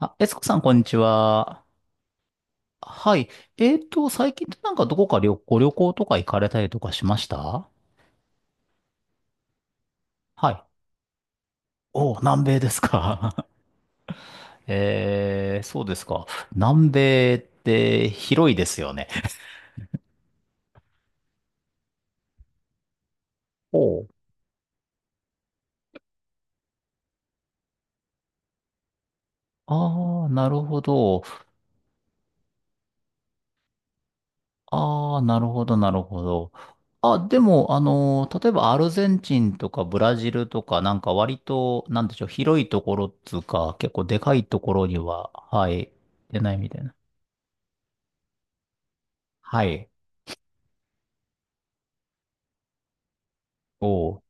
あ、えつこさん、こんにちは。はい。最近ってなんかどこかご旅行とか行かれたりとかしました？はい。お、南米ですか。そうですか。南米って広いですよね。おう。ああ、なるほど。ああ、なるほど、なるほど。あ、でも、例えばアルゼンチンとかブラジルとか、なんか割と、なんでしょう、広いところっつうか、結構でかいところには、はい、出ないみたいな。はい。おお。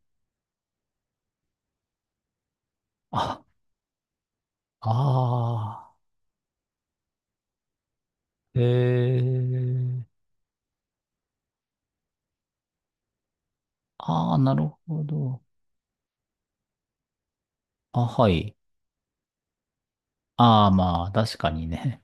あ、ああ、ええ、ああ、なるほど。あ、はい。ああ、まあ、確かにね。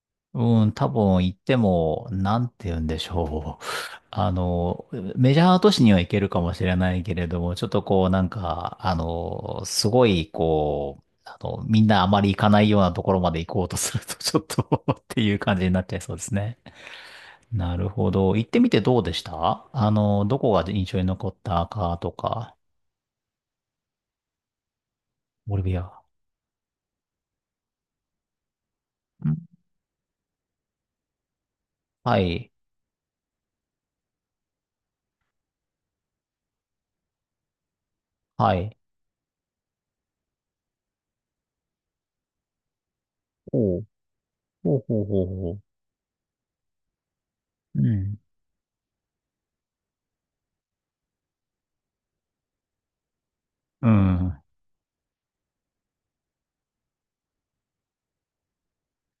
うん、多分行っても、なんて言うんでしょう。あの、メジャー都市には行けるかもしれないけれども、ちょっとこう、なんか、すごい、こう、みんなあまり行かないようなところまで行こうとすると、ちょっと っていう感じになっちゃいそうですね。なるほど。行ってみてどうでした？どこが印象に残ったかとか。ボリビア。うん。はい。はい。おう。ほうほうほうほう。うん。うん。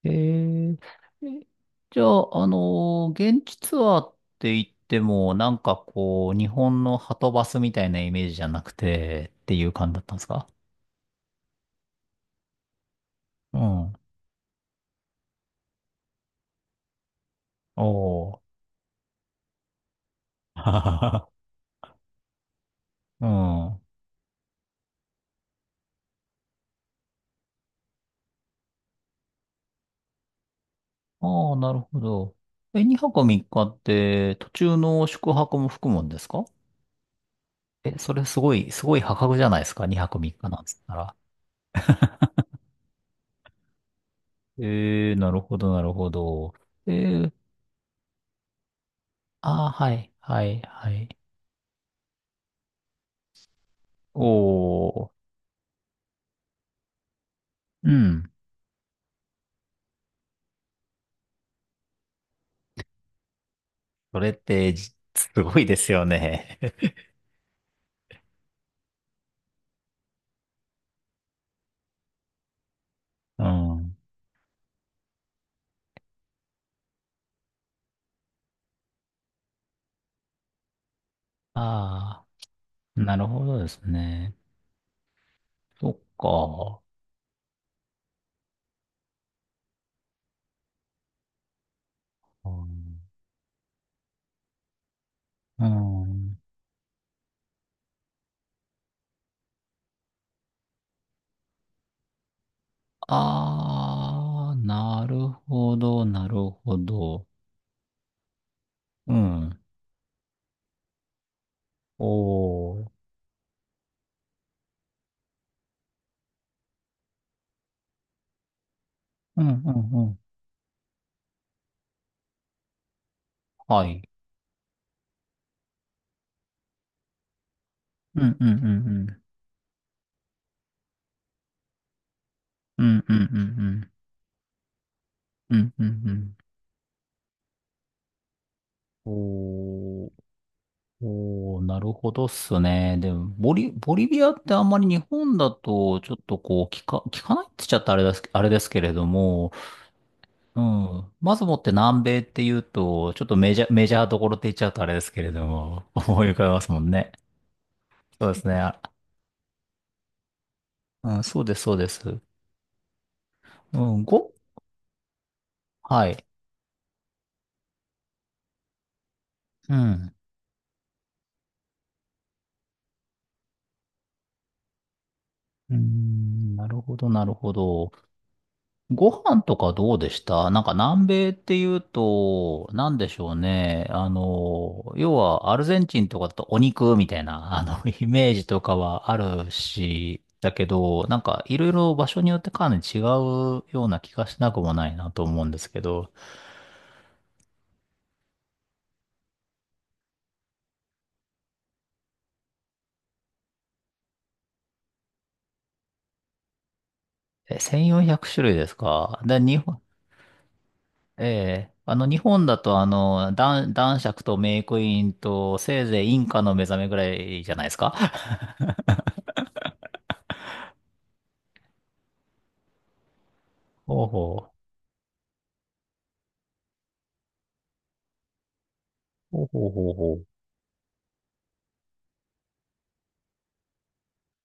えー、えじゃあ、現地ツアーって言っても、なんかこう、日本のはとバスみたいなイメージじゃなくて、っていう感じだったんですか？うん。おー。うん。ああ、なるほど。え、2泊3日っかって途中の宿泊も含むんですか？え、それすごい、すごい破格じゃないですか ?2 泊3日なんつったら。えー、なるほど、なるほど。えー、ああ、はい、はい、はい。おー、うん。それってすごいですよね。うん。ああ、なるほどですね。そっか。うん。うん。ああ、なるほど、なるほど。うん。おー。うん、うん、うん。はい。うん、うん、うん、うん。うん、うん、うん、うん。うん、うんうん。おー。おー、なるほどっすね。でも、ボリビアってあんまり日本だと、ちょっとこう、聞かないって言っちゃったらあれです、あれですけれども、うん。まずもって南米っていうと、ちょっとメジャーどころって言っちゃうとあれですけれども、思い浮かべますもんね。そうですね。あ、うん、そうです、そうです。うん、はい。うん。うーん、なるほど、なるほど。ご飯とかどうでした？なんか南米っていうと、なんでしょうね。要はアルゼンチンとかだとお肉みたいな、イメージとかはあるし、だけど、なんかいろいろ場所によってかなり違うような気がしなくもないなと思うんですけど、え、1400種類ですか？で、ええ、日本だと、男爵とメイクインと、せいぜいインカの目覚めぐらいじゃないですか？ほうほう。ほうほうほうほう。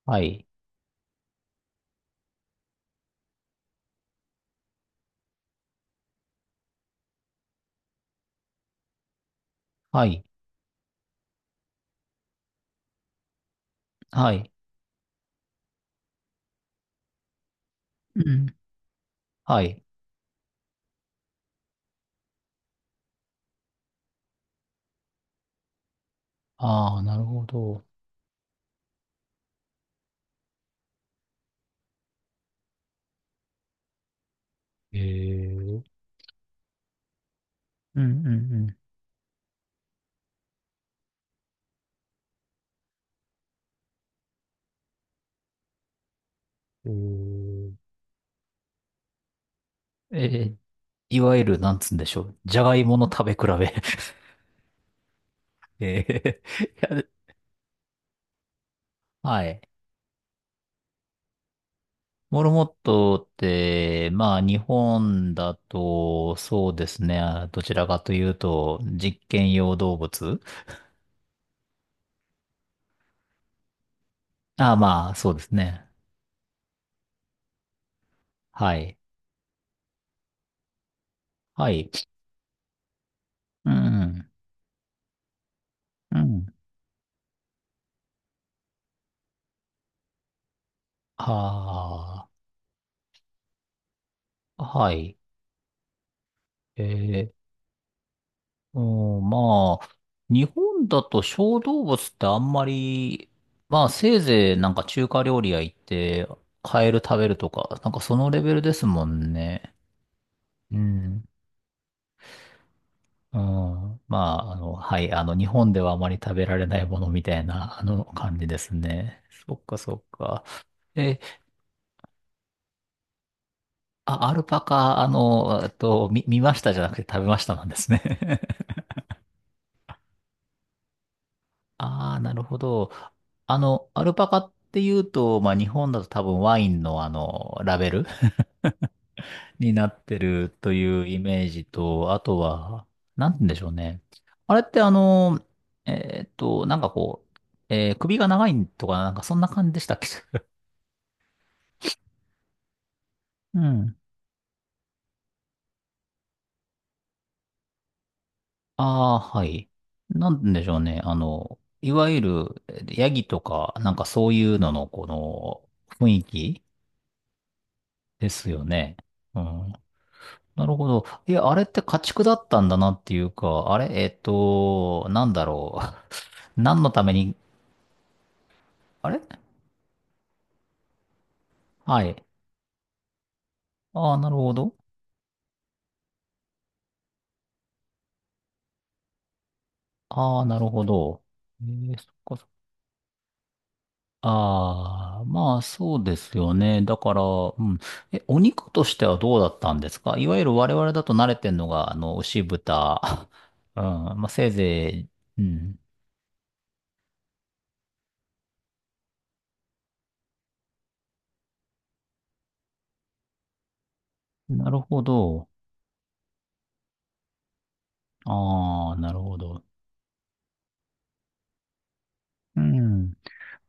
はい。はい。はい。うん。はい。ああ、なるほど。えー、うんうんうん。えー、えーいわゆる、なんつうんでしょう。じゃがいもの食べ比べ？ えー、いや、はい。モルモットって、まあ、日本だと、そうですね。あ、どちらかというと、実験用動物。ああ、まあ、そうですね。はい。はい。うん、うん。うん。ああ、はい。えー、うん、まあ、日本だと小動物ってあんまり、まあ、せいぜいなんか中華料理屋行って、カエル食べるとか、なんかそのレベルですもんね。うん。うん。まあ、はい。日本ではあまり食べられないものみたいな、感じですね。そっか、そっか。え、あ、アルパカ、見ましたじゃなくて食べましたなんですね？ああ、なるほど。アルパカっていうと、まあ、日本だと多分ワインのラベル になってるというイメージと、あとは、なんて言うんでしょうね。あれってなんかこう、首が長いとか、なんかそんな感じでしたっけ？ うん。ああ、はい。なんて言うんでしょうね。いわゆる、ヤギとか、なんかそういうのの、この、雰囲気ですよね。うん。なるほど。いや、あれって家畜だったんだなっていうか、あれなんだろう。何のために、あれ、はい。ああ、なるほど。ああ、なるほど。えー、そっかそっか。ああ、まあそうですよね。だから、うん。え、お肉としてはどうだったんですか？いわゆる我々だと慣れてんのが、牛豚。うん。まあせいぜい、うん。なるほど。ああ、なるほど。うん。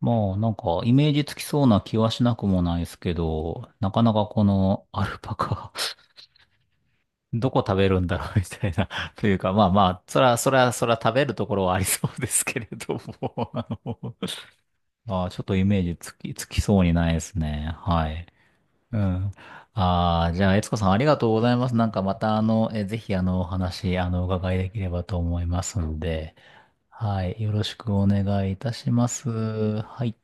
まあ、なんか、イメージつきそうな気はしなくもないですけど、なかなかこのアルパカ どこ食べるんだろう みたいな というか、まあまあ、そら、そら、そら食べるところはありそうですけれども まあー、ちょっとイメージつきそうにないですね。はい。うん。ああ、じゃあ、悦子さんありがとうございます。なんかまた、ぜひ、お話、お伺いできればと思いますんで、はい。よろしくお願いいたします。はい。